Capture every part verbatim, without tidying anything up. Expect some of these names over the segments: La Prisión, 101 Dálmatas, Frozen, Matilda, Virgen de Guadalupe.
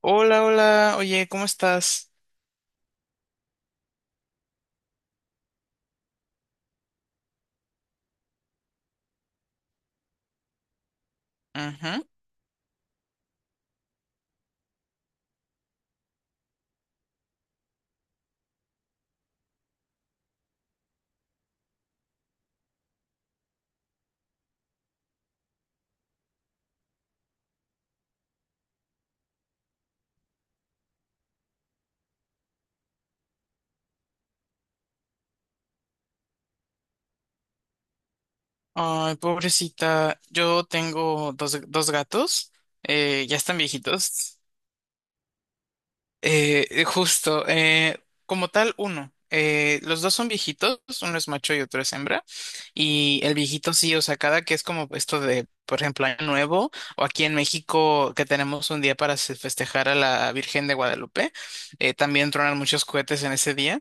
Hola, hola, oye, ¿cómo estás? Ujú. Ay, pobrecita, yo tengo dos, dos gatos, eh, ya están viejitos. Eh, eh, justo, eh, como tal, uno. Eh, los dos son viejitos, uno es macho y otro es hembra. Y el viejito sí, o sea, cada que es como esto de, por ejemplo, Año Nuevo, o aquí en México que tenemos un día para se- festejar a la Virgen de Guadalupe, eh, también tronan muchos cohetes en ese día.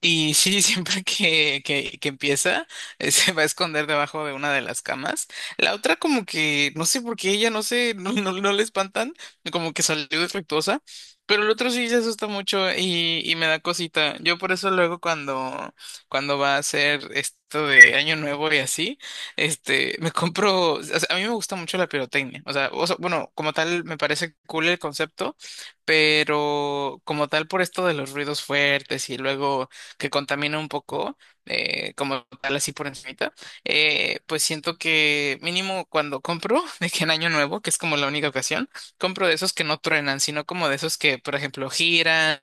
Y sí, siempre que, que, que empieza, eh, se va a esconder debajo de una de las camas. La otra como que, no sé por qué ella, no sé, no, no, no le espantan, como que salió defectuosa, pero el otro sí se asusta mucho y, y me da cosita. Yo por eso luego cuando, cuando va a ser esto de Año Nuevo y así, este, me compro, o sea, a mí me gusta mucho la pirotecnia. O sea, o sea, bueno, como tal me parece cool el concepto, pero como tal por esto de los ruidos fuertes y luego que contamina un poco, eh, como tal así por encimita, eh, pues siento que mínimo cuando compro, de que en Año Nuevo, que es como la única ocasión, compro de esos que no truenan, sino como de esos que, por ejemplo, giran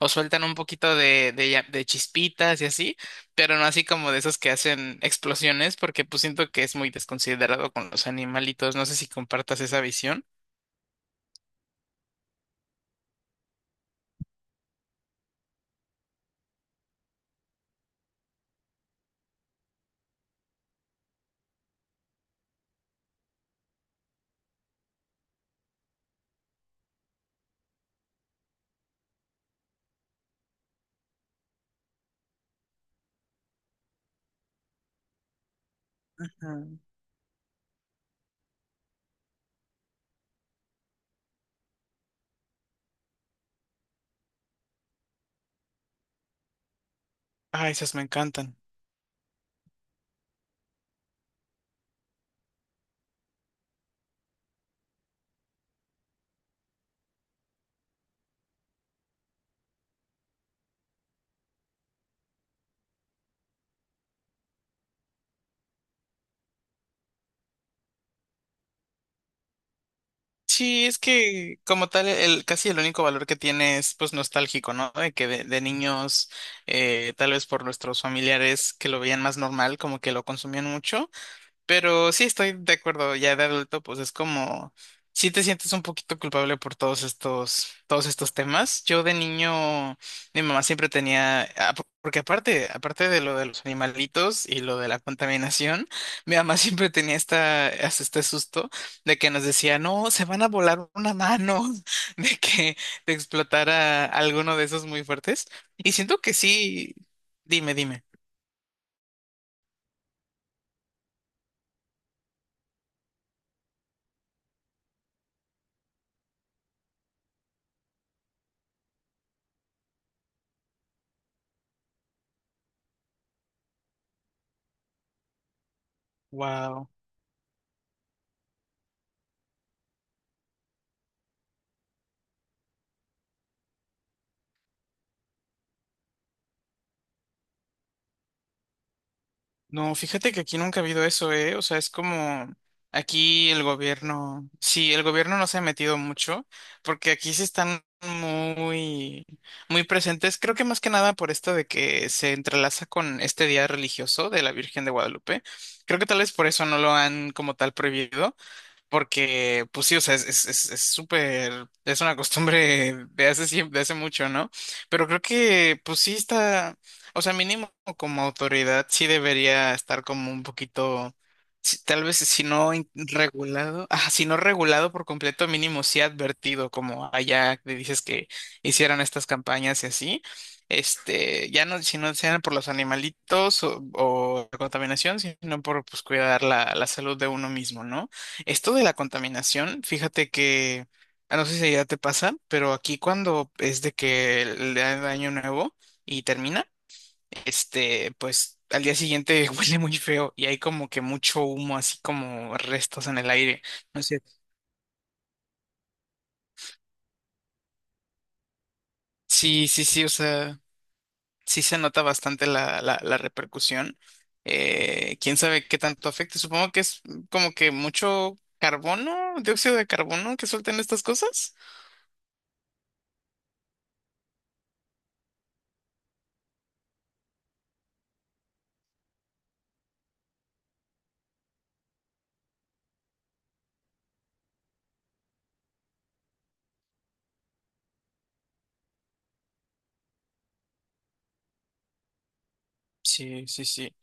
o sueltan un poquito de, de, ya- de chispitas y así, pero no así como de esos que hacen explosiones, porque pues siento que es muy desconsiderado con los animalitos. No sé si compartas esa visión. Ah, esas me encantan. Sí, es que como tal, el, casi el único valor que tiene es pues nostálgico, ¿no? De que de, de niños, eh, tal vez por nuestros familiares que lo veían más normal, como que lo consumían mucho. Pero sí estoy de acuerdo, ya de adulto, pues es como, sí te sientes un poquito culpable por todos estos, todos estos temas. Yo de niño, mi mamá siempre tenía, ah, por- porque aparte, aparte de lo de los animalitos y lo de la contaminación, mi mamá siempre tenía esta, hasta este susto de que nos decía, no, se van a volar una mano, de que te explotara alguno de esos muy fuertes. Y siento que sí, dime, dime. Wow. No, fíjate que aquí nunca ha habido eso, ¿eh? O sea, es como aquí el gobierno, sí, el gobierno no se ha metido mucho, porque aquí sí están muy, muy presentes, creo que más que nada por esto de que se entrelaza con este día religioso de la Virgen de Guadalupe. Creo que tal vez por eso no lo han como tal prohibido, porque, pues sí, o sea, es, es, es, es súper, es una costumbre de hace siempre, de hace mucho, ¿no? Pero creo que, pues sí está, o sea, mínimo como autoridad sí debería estar como un poquito, si- tal vez si no in- regulado, ah, si no regulado por completo, mínimo sí advertido, como allá que dices que hicieran estas campañas y así. Este, ya no, si no sean por los animalitos o o la contaminación, sino por pues cuidar la, la salud de uno mismo, ¿no? Esto de la contaminación, fíjate que, ah, no sé si ya te pasa, pero aquí cuando es de que el, el año nuevo y termina, este, pues al día siguiente huele muy feo y hay como que mucho humo, así como restos en el aire. No sé. Sí, sí, sí, o sea, sí se nota bastante la, la, la repercusión. Eh, quién sabe qué tanto afecta. Supongo que es como que mucho carbono, dióxido de carbono que sueltan estas cosas. Sí, sí, sí.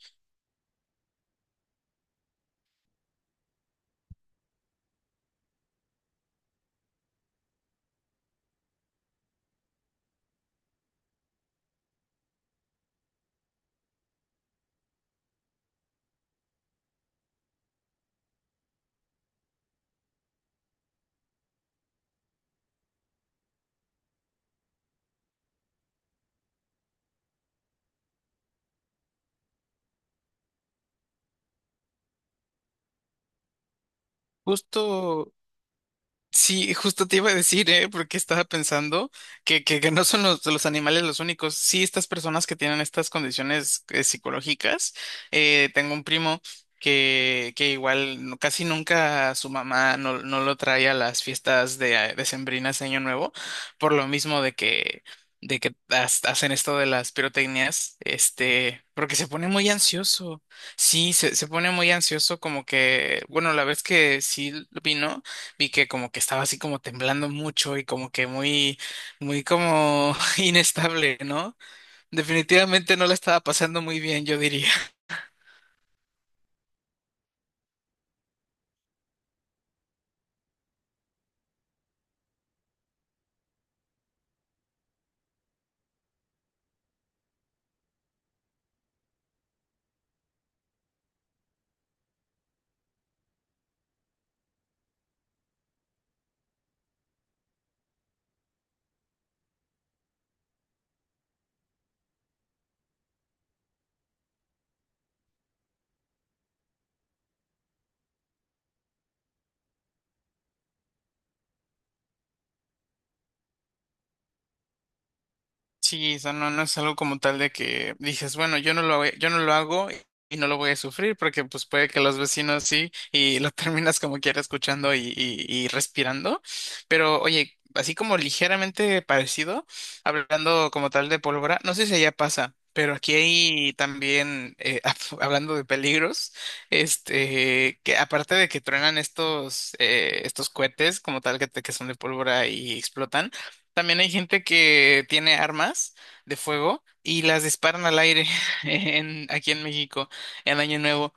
Justo, Sí, justo te iba a decir, ¿eh? Porque estaba pensando que, que, que no son los, los animales los únicos. Sí, estas personas que tienen estas condiciones eh, psicológicas. Eh, tengo un primo que, que igual no- casi nunca su mamá no, no lo trae a las fiestas de, eh, decembrinas de Año Nuevo, por lo mismo de que, de que has- hacen esto de las pirotecnias, este, porque se pone muy ansioso. Sí, se, se pone muy ansioso, como que, bueno, la vez que sí vino vi que como que estaba así como temblando mucho y como que muy, muy como inestable, ¿no? Definitivamente no la estaba pasando muy bien, yo diría. Sí, o sea, no, no es algo como tal de que dices, bueno, yo no lo, voy- yo no lo hago y no lo voy a sufrir porque pues puede que los vecinos sí y lo terminas como quiera escuchando y, y, y respirando. Pero oye, así como ligeramente parecido, hablando como tal de pólvora, no sé si allá pasa, pero aquí hay también, eh, hablando de peligros, este, que aparte de que truenan estos, eh, estos cohetes como tal que, te- que son de pólvora y explotan. También hay gente que tiene armas de fuego y las disparan al aire en, aquí en México en Año Nuevo.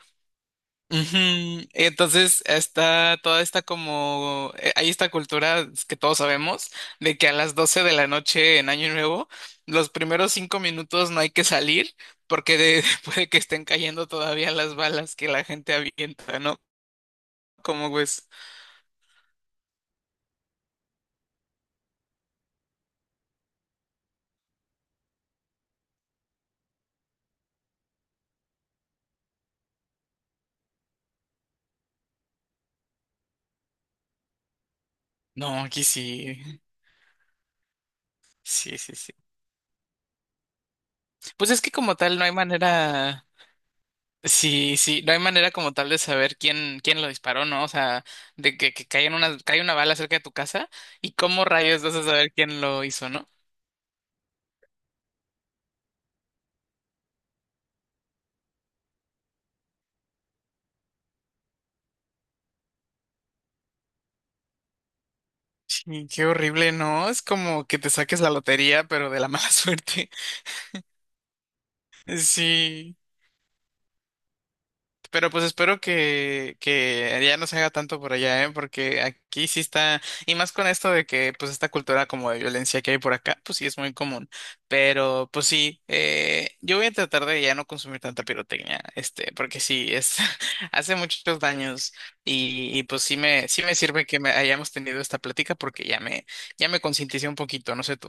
Ujú. Entonces está toda esta como, eh, hay esta cultura que todos sabemos de que a las doce de la noche en Año Nuevo, los primeros cinco minutos no hay que salir porque de- puede que estén cayendo todavía las balas que la gente avienta, ¿no? Como pues, no, aquí sí, sí, sí, sí. Pues es que como tal no hay manera. Sí, sí, no hay manera como tal de saber quién, quién lo disparó, ¿no? O sea, de que, que cae en una, cae una bala cerca de tu casa y cómo rayos vas a saber quién lo hizo, ¿no? Sí, qué horrible, ¿no? Es como que te saques la lotería, pero de la mala suerte. Sí. Pero pues espero que, que ya no se haga tanto por allá, ¿eh? Porque aquí sí está, y más con esto de que pues esta cultura como de violencia que hay por acá, pues sí es muy común. Pero pues sí, eh, yo voy a tratar de ya no consumir tanta pirotecnia, este, porque sí, es, hace muchos daños y, y, pues sí me, sí me sirve que me hayamos tenido esta plática porque ya me, ya me concienticé un poquito, no sé tú.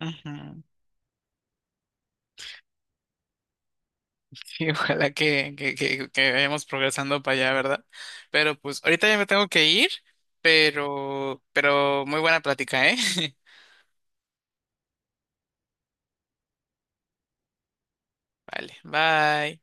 Ujú. Y ojalá que, que, que, que vayamos progresando para allá, ¿verdad? Pero pues ahorita ya me tengo que ir, pero, pero muy buena plática, ¿eh? Vale, bye.